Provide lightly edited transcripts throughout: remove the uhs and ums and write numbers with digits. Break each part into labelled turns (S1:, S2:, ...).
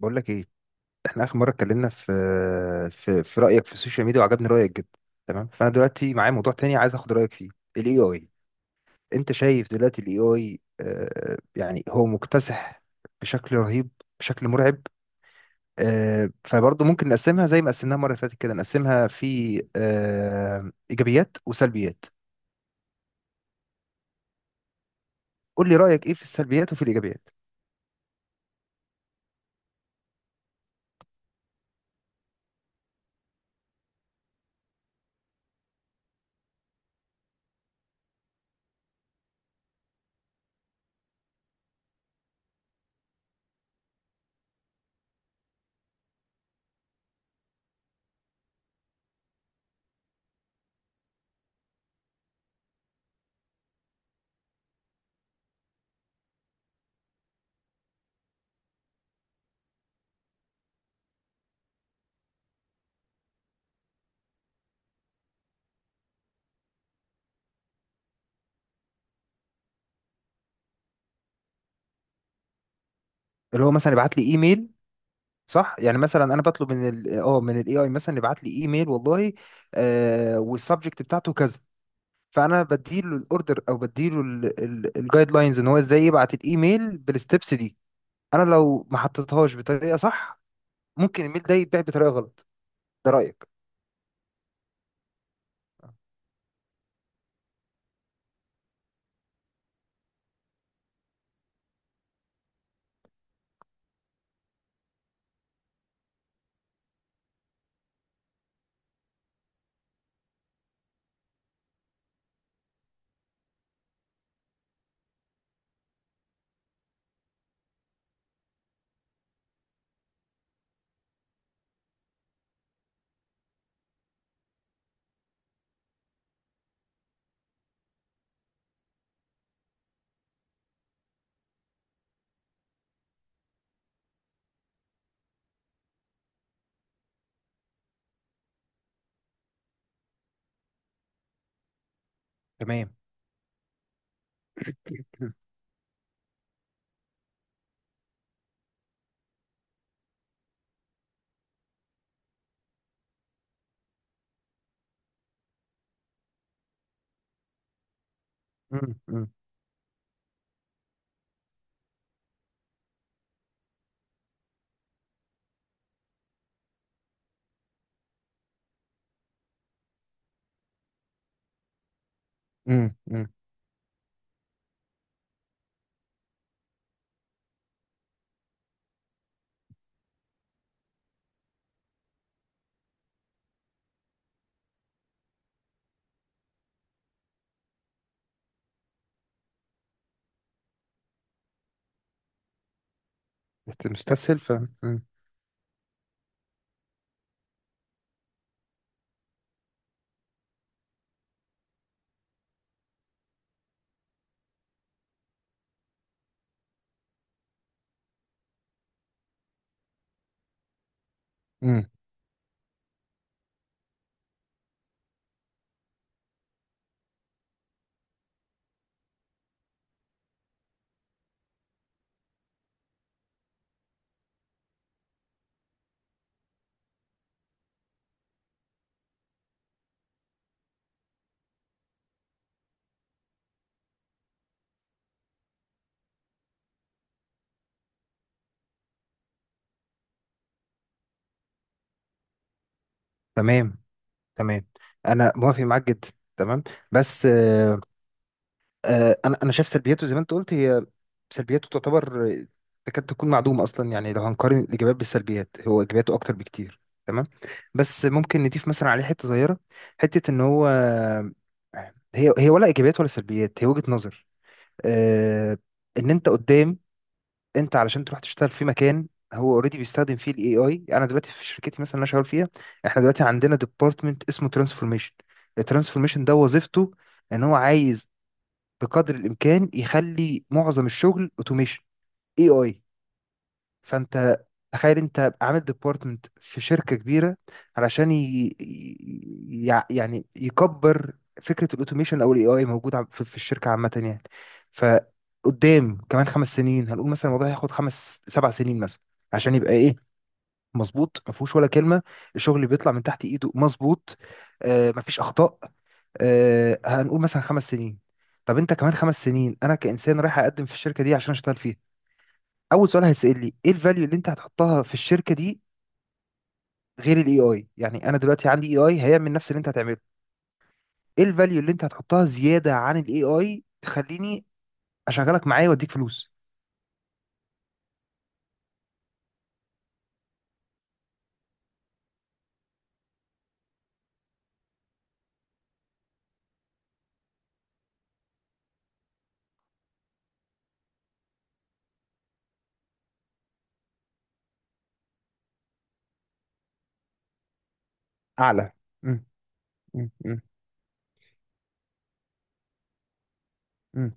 S1: بقول لك ايه. احنا اخر مره اتكلمنا في رايك في السوشيال ميديا، وعجبني رايك جدا. تمام، فانا دلوقتي معايا موضوع تاني عايز اخد رايك فيه: الاي اي. انت شايف دلوقتي الاي اي، يعني هو مكتسح بشكل رهيب، بشكل مرعب. فبرضه ممكن نقسمها زي ما قسمناها المره اللي فاتت كده، نقسمها في ايجابيات وسلبيات. قول لي رايك ايه في السلبيات وفي الايجابيات. اللي هو مثلا ابعت لي ايميل، صح؟ يعني مثلا انا بطلب من ال اه من الاي اي مثلا يبعت لي ايميل، والله والسبجكت بتاعته كذا. فانا بديله الاوردر، او بديله الجايد لاينز ان هو ازاي يبعت الايميل بالستبس دي. انا لو ما حطيتهاش بطريقه صح، ممكن الايميل ده يتباع بطريقه غلط. ده رايك. تمام. مم. مم. مم. مم. بس مستسهل ف مم. مم. تمام، تمام، انا موافق معاك جدا. تمام، بس انا شايف سلبياته زي ما انت قلت. هي سلبياته تعتبر تكاد تكون معدومه اصلا. يعني لو هنقارن الايجابيات بالسلبيات، هو ايجابياته اكتر بكتير. تمام، بس ممكن نضيف مثلا عليه حته صغيره، حته ان هو هي ولا ايجابيات ولا سلبيات، هي وجهه نظر. آه، ان انت قدام، انت علشان تروح تشتغل في مكان هو اوريدي بيستخدم فيه الاي اي. انا دلوقتي في شركتي مثلا اللي انا شغال فيها، احنا دلوقتي عندنا ديبارتمنت اسمه ترانسفورميشن. الترانسفورميشن ده وظيفته ان هو عايز بقدر الامكان يخلي معظم الشغل اوتوميشن، اي اي. فانت تخيل انت عامل ديبارتمنت في شركه كبيره علشان يعني يكبر. فكره الاوتوميشن او الاي اي موجود في الشركه عامه يعني. فقدام كمان 5 سنين، هنقول مثلا الموضوع هياخد خمس سبع سنين مثلا عشان يبقى ايه؟ مظبوط، ما فيهوش ولا كلمه، الشغل اللي بيطلع من تحت ايده مظبوط، آه ما فيش اخطاء. هنقول مثلا 5 سنين. طب انت كمان 5 سنين، انا كانسان رايح اقدم في الشركه دي عشان اشتغل فيها. اول سؤال هيتسال لي: ايه الفاليو اللي انت هتحطها في الشركه دي غير الاي اي؟ يعني انا دلوقتي عندي اي اي هيعمل نفس اللي انت هتعمله. ايه الفاليو اللي انت هتحطها زياده عن الاي اي تخليني اشغلك معايا واديك فلوس؟ اعلى. مم، مم، مم، مم،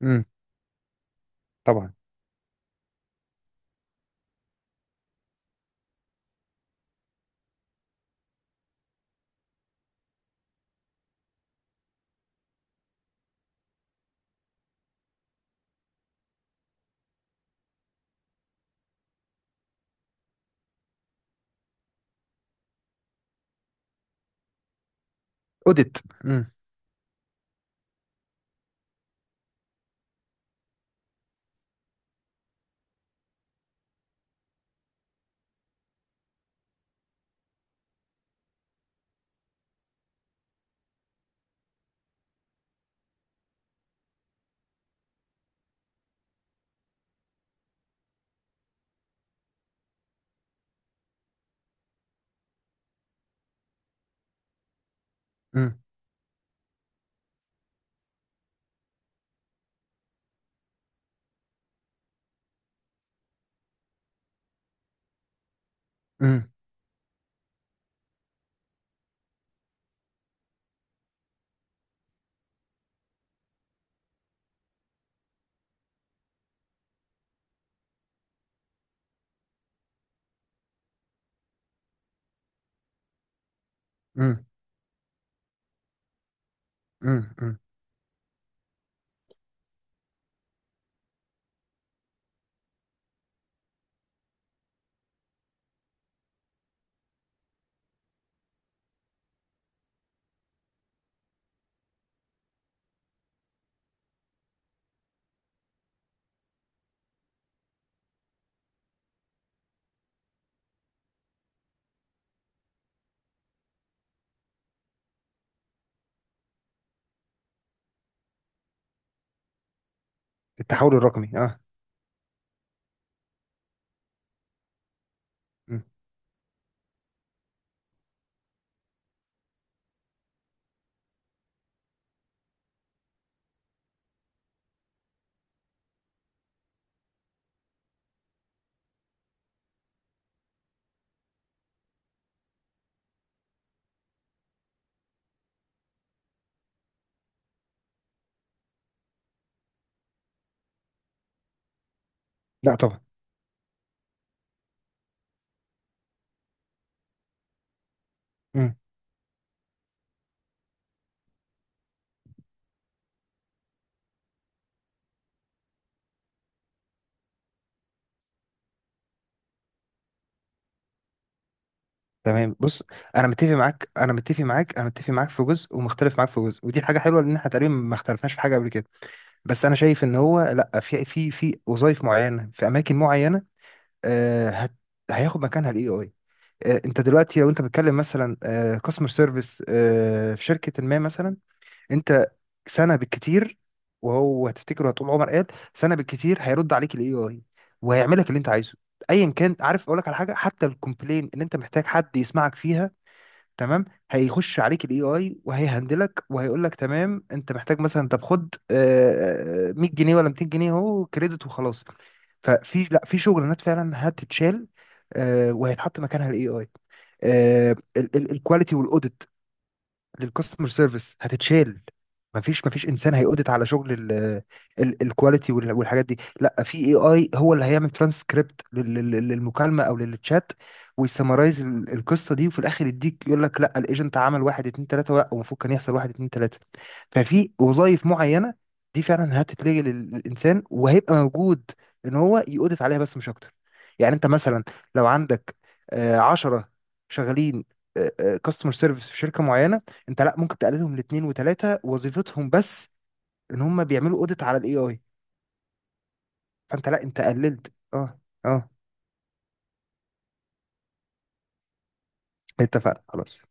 S1: مم. طبعا. اوديت. مم، مم، مم، مم، مم، مم. التحول الرقمي، اه. مم. لا طبعا. تمام، بص. انا متفق معاك، انا متفق معاك، انا متفق معاك في جزء، ومختلف معاك في جزء. ودي حاجه حلوه لان احنا تقريبا ما اختلفناش في حاجه قبل كده. بس انا شايف ان هو لا، في في وظائف معينه في اماكن معينه، آه هياخد مكانها الاي اي. آه، انت دلوقتي لو انت بتتكلم مثلا كاستمر سيرفيس، آه customer service، في شركه ما مثلا، انت سنه بالكتير، وهو هتفتكر طول عمر قال سنه بالكتير هيرد عليك الاي اي وهيعمل لك اللي انت عايزه، ايا كان. عارف اقول لك على حاجه؟ حتى الكومبلين اللي انت محتاج حد يسمعك فيها، تمام؟ هيخش عليك الاي اي وهيهندلك وهيقول لك تمام، انت محتاج مثلا، طب خد 100 جنيه ولا 200 جنيه اهو كريدت وخلاص. ففي، لا، في شغلانات فعلا هتتشال، وهيتحط مكانها الاي اي. الكواليتي والاوديت للكاستمر سيرفيس هتتشال. مفيش انسان هيقودت على شغل الكواليتي والحاجات دي، لا، في اي اي هو اللي هيعمل ترانسكريبت للمكالمه او للتشات ويسمرايز القصه دي، وفي الاخر يديك، يقول لك: لا الايجنت عمل واحد اتنين تلاته، لا المفروض كان يحصل واحد اتنين تلاته. ففي وظائف معينه دي فعلا هتتلغي للانسان، وهيبقى موجود ان هو يقودت عليها بس مش اكتر. يعني انت مثلا لو عندك 10 شغالين كاستمر سيرفيس في شركه معينه، انت لا، ممكن تقللهم لاتنين وتلاته، وظيفتهم بس ان هم بيعملوا اوديت على الاي اي. فانت لا، انت قللت. اه، اه، اتفقنا خلاص.